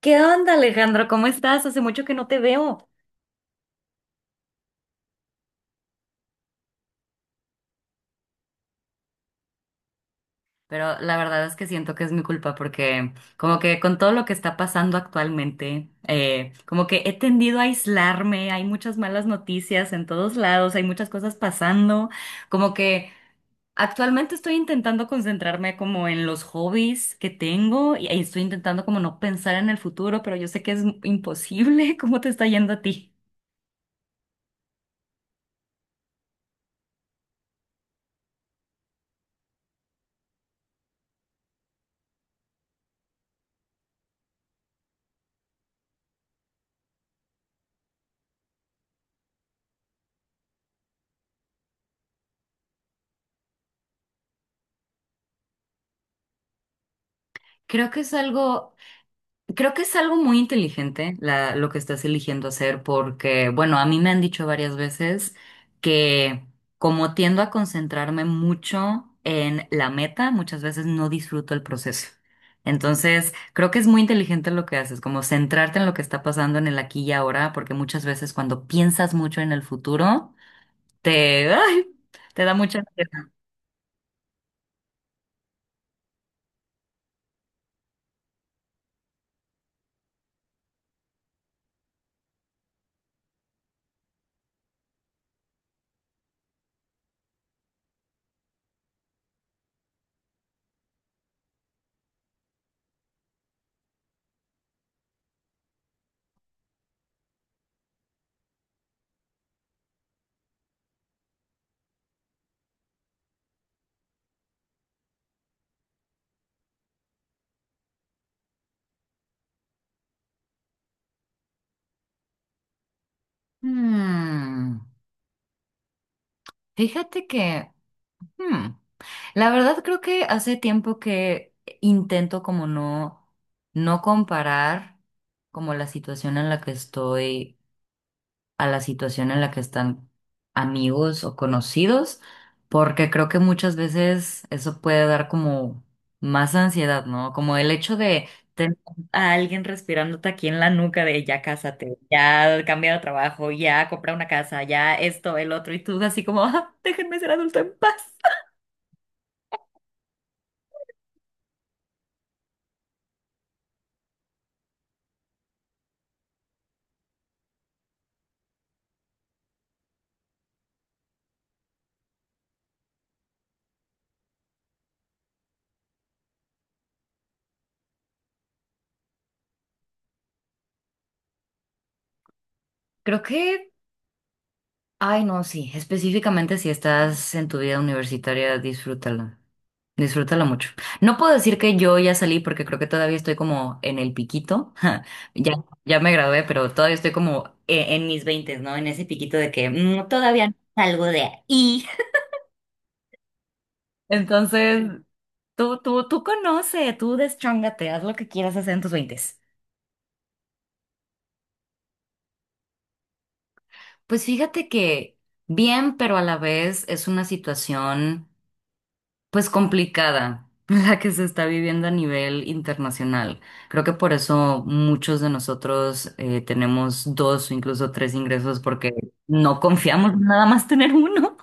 ¿Qué onda, Alejandro? ¿Cómo estás? Hace mucho que no te veo. Pero la verdad es que siento que es mi culpa porque como que con todo lo que está pasando actualmente, como que he tendido a aislarme, hay muchas malas noticias en todos lados, hay muchas cosas pasando, como que actualmente estoy intentando concentrarme como en los hobbies que tengo y estoy intentando como no pensar en el futuro, pero yo sé que es imposible. ¿Cómo te está yendo a ti? Creo que es algo Creo que es algo muy inteligente lo que estás eligiendo hacer porque, bueno, a mí me han dicho varias veces que como tiendo a concentrarme mucho en la meta, muchas veces no disfruto el proceso. Entonces, creo que es muy inteligente lo que haces, como centrarte en lo que está pasando en el aquí y ahora, porque muchas veces cuando piensas mucho en el futuro, te, ay, te da mucha ansiedad. Hmm, fíjate que. Hmm. La verdad creo que hace tiempo que intento como no comparar como la situación en la que estoy a la situación en la que están amigos o conocidos, porque creo que muchas veces eso puede dar como más ansiedad, ¿no? Como el hecho de tener a alguien respirándote aquí en la nuca de ya cásate, ya cambia de trabajo, ya compra una casa, ya esto, el otro, y tú así como, "Ah, déjenme ser adulto en paz". Creo que Ay, no, sí, específicamente si estás en tu vida universitaria, disfrútala, disfrútala mucho. No puedo decir que yo ya salí porque creo que todavía estoy como en el piquito, ya, ya me gradué, pero todavía estoy como en mis veintes, ¿no? En ese piquito de que todavía no salgo de ahí. Entonces, tú conoce, tú deschóngate, haz lo que quieras hacer en tus veintes. Pues fíjate que bien, pero a la vez es una situación pues complicada, la que se está viviendo a nivel internacional. Creo que por eso muchos de nosotros tenemos dos o incluso tres ingresos porque no confiamos en nada más tener uno.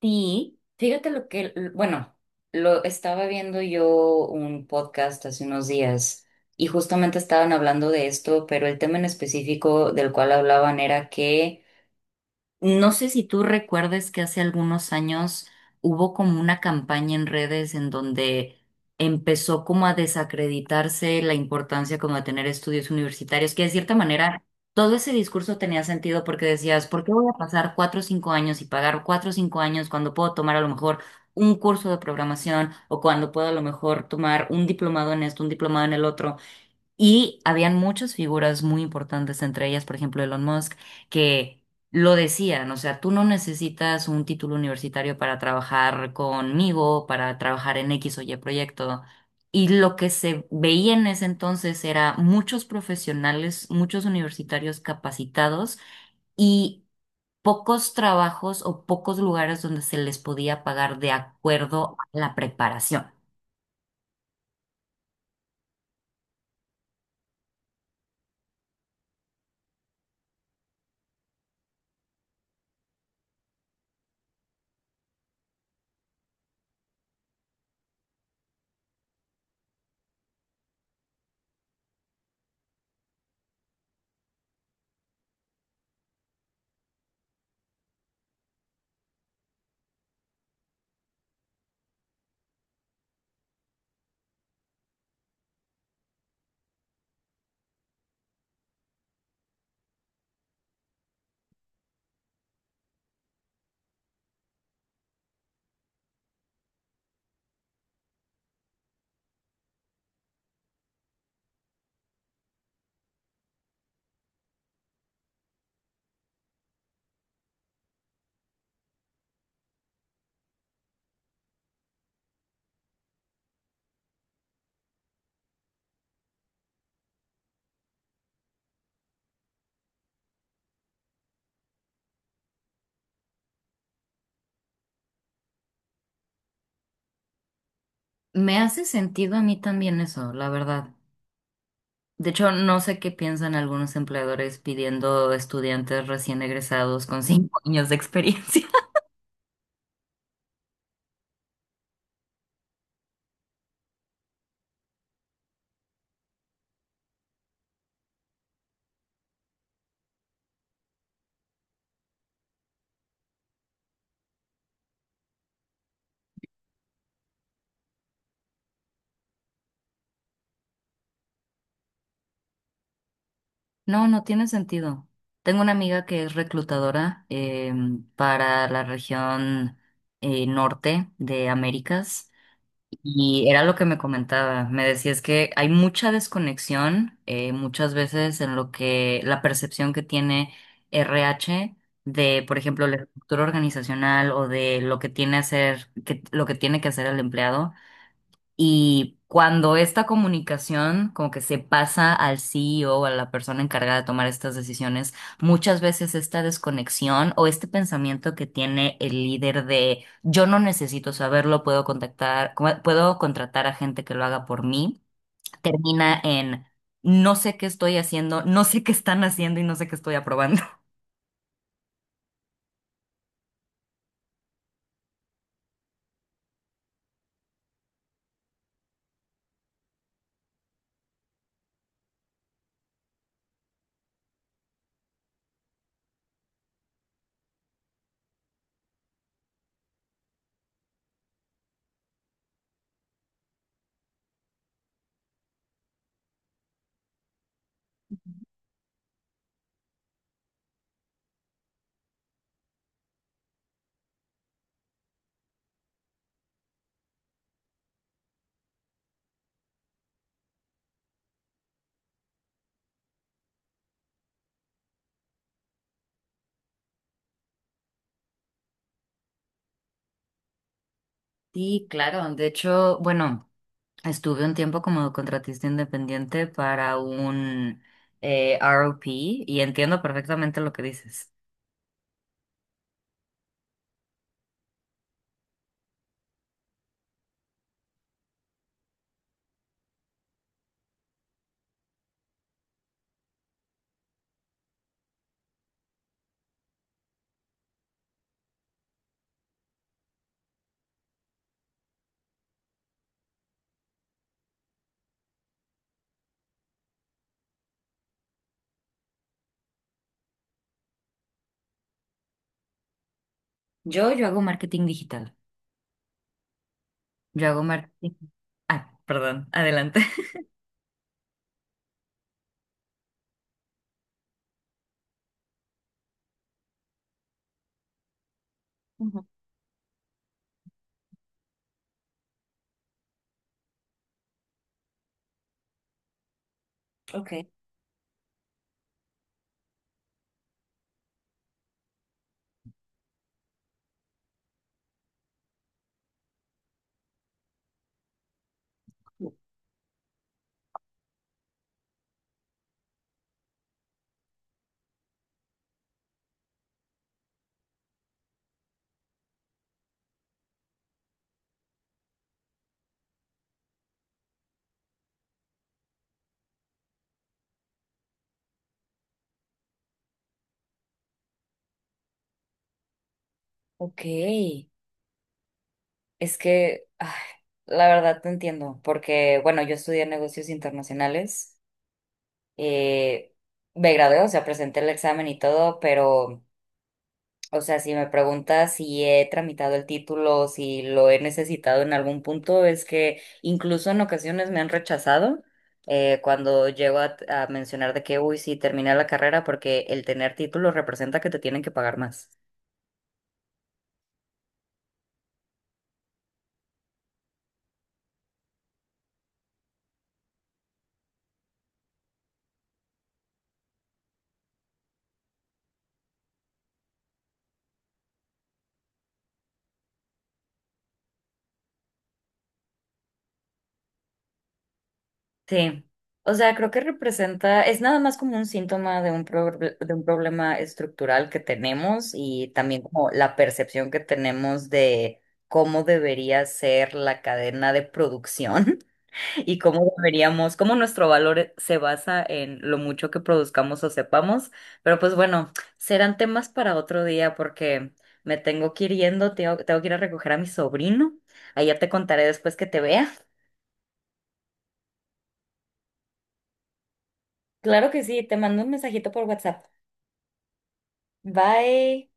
Sí, fíjate bueno, lo estaba viendo yo un podcast hace unos días y justamente estaban hablando de esto, pero el tema en específico del cual hablaban era que no sé si tú recuerdes que hace algunos años hubo como una campaña en redes en donde empezó como a desacreditarse la importancia como de tener estudios universitarios, que de cierta manera todo ese discurso tenía sentido porque decías, ¿por qué voy a pasar cuatro o cinco años y pagar cuatro o cinco años cuando puedo tomar a lo mejor un curso de programación o cuando puedo a lo mejor tomar un diplomado en esto, un diplomado en el otro? Y habían muchas figuras muy importantes, entre ellas, por ejemplo, Elon Musk, que lo decían, o sea, tú no necesitas un título universitario para trabajar conmigo, para trabajar en X o Y proyecto. Y lo que se veía en ese entonces era muchos profesionales, muchos universitarios capacitados y pocos trabajos o pocos lugares donde se les podía pagar de acuerdo a la preparación. Me hace sentido a mí también eso, la verdad. De hecho, no sé qué piensan algunos empleadores pidiendo estudiantes recién egresados con cinco años de experiencia. No, no tiene sentido. Tengo una amiga que es reclutadora para la región norte de Américas. Y era lo que me comentaba, me decía es que hay mucha desconexión muchas veces en lo que la percepción que tiene RH de, por ejemplo, la estructura organizacional o de lo que tiene hacer, que, lo que tiene que hacer el empleado y cuando esta comunicación como que se pasa al CEO o a la persona encargada de tomar estas decisiones, muchas veces esta desconexión o este pensamiento que tiene el líder de yo no necesito saberlo, puedo contactar, puedo contratar a gente que lo haga por mí, termina en no sé qué estoy haciendo, no sé qué están haciendo y no sé qué estoy aprobando. Sí, claro. De hecho, bueno, estuve un tiempo como contratista independiente para un ROP y entiendo perfectamente lo que dices. Yo hago marketing digital. Yo hago marketing. Ah, perdón, adelante. Ok, ok. Es que, ay, la verdad te entiendo, porque, bueno, yo estudié negocios internacionales, eh, me gradué, o sea, presenté el examen y todo, pero o sea, si me preguntas si he tramitado el título, si lo he necesitado en algún punto, es que incluso en ocasiones me han rechazado cuando llego a mencionar de que, uy, sí, terminé la carrera porque el tener título representa que te tienen que pagar más. Sí. O sea, creo que representa, es nada más como un síntoma de de un problema estructural que tenemos y también como la percepción que tenemos de cómo debería ser la cadena de producción y cómo deberíamos, cómo nuestro valor se basa en lo mucho que produzcamos o sepamos. Pero pues bueno, serán temas para otro día porque me tengo que ir yendo, tengo que ir a recoger a mi sobrino. Ahí ya te contaré después que te vea. Claro que sí, te mando un mensajito por WhatsApp. Bye.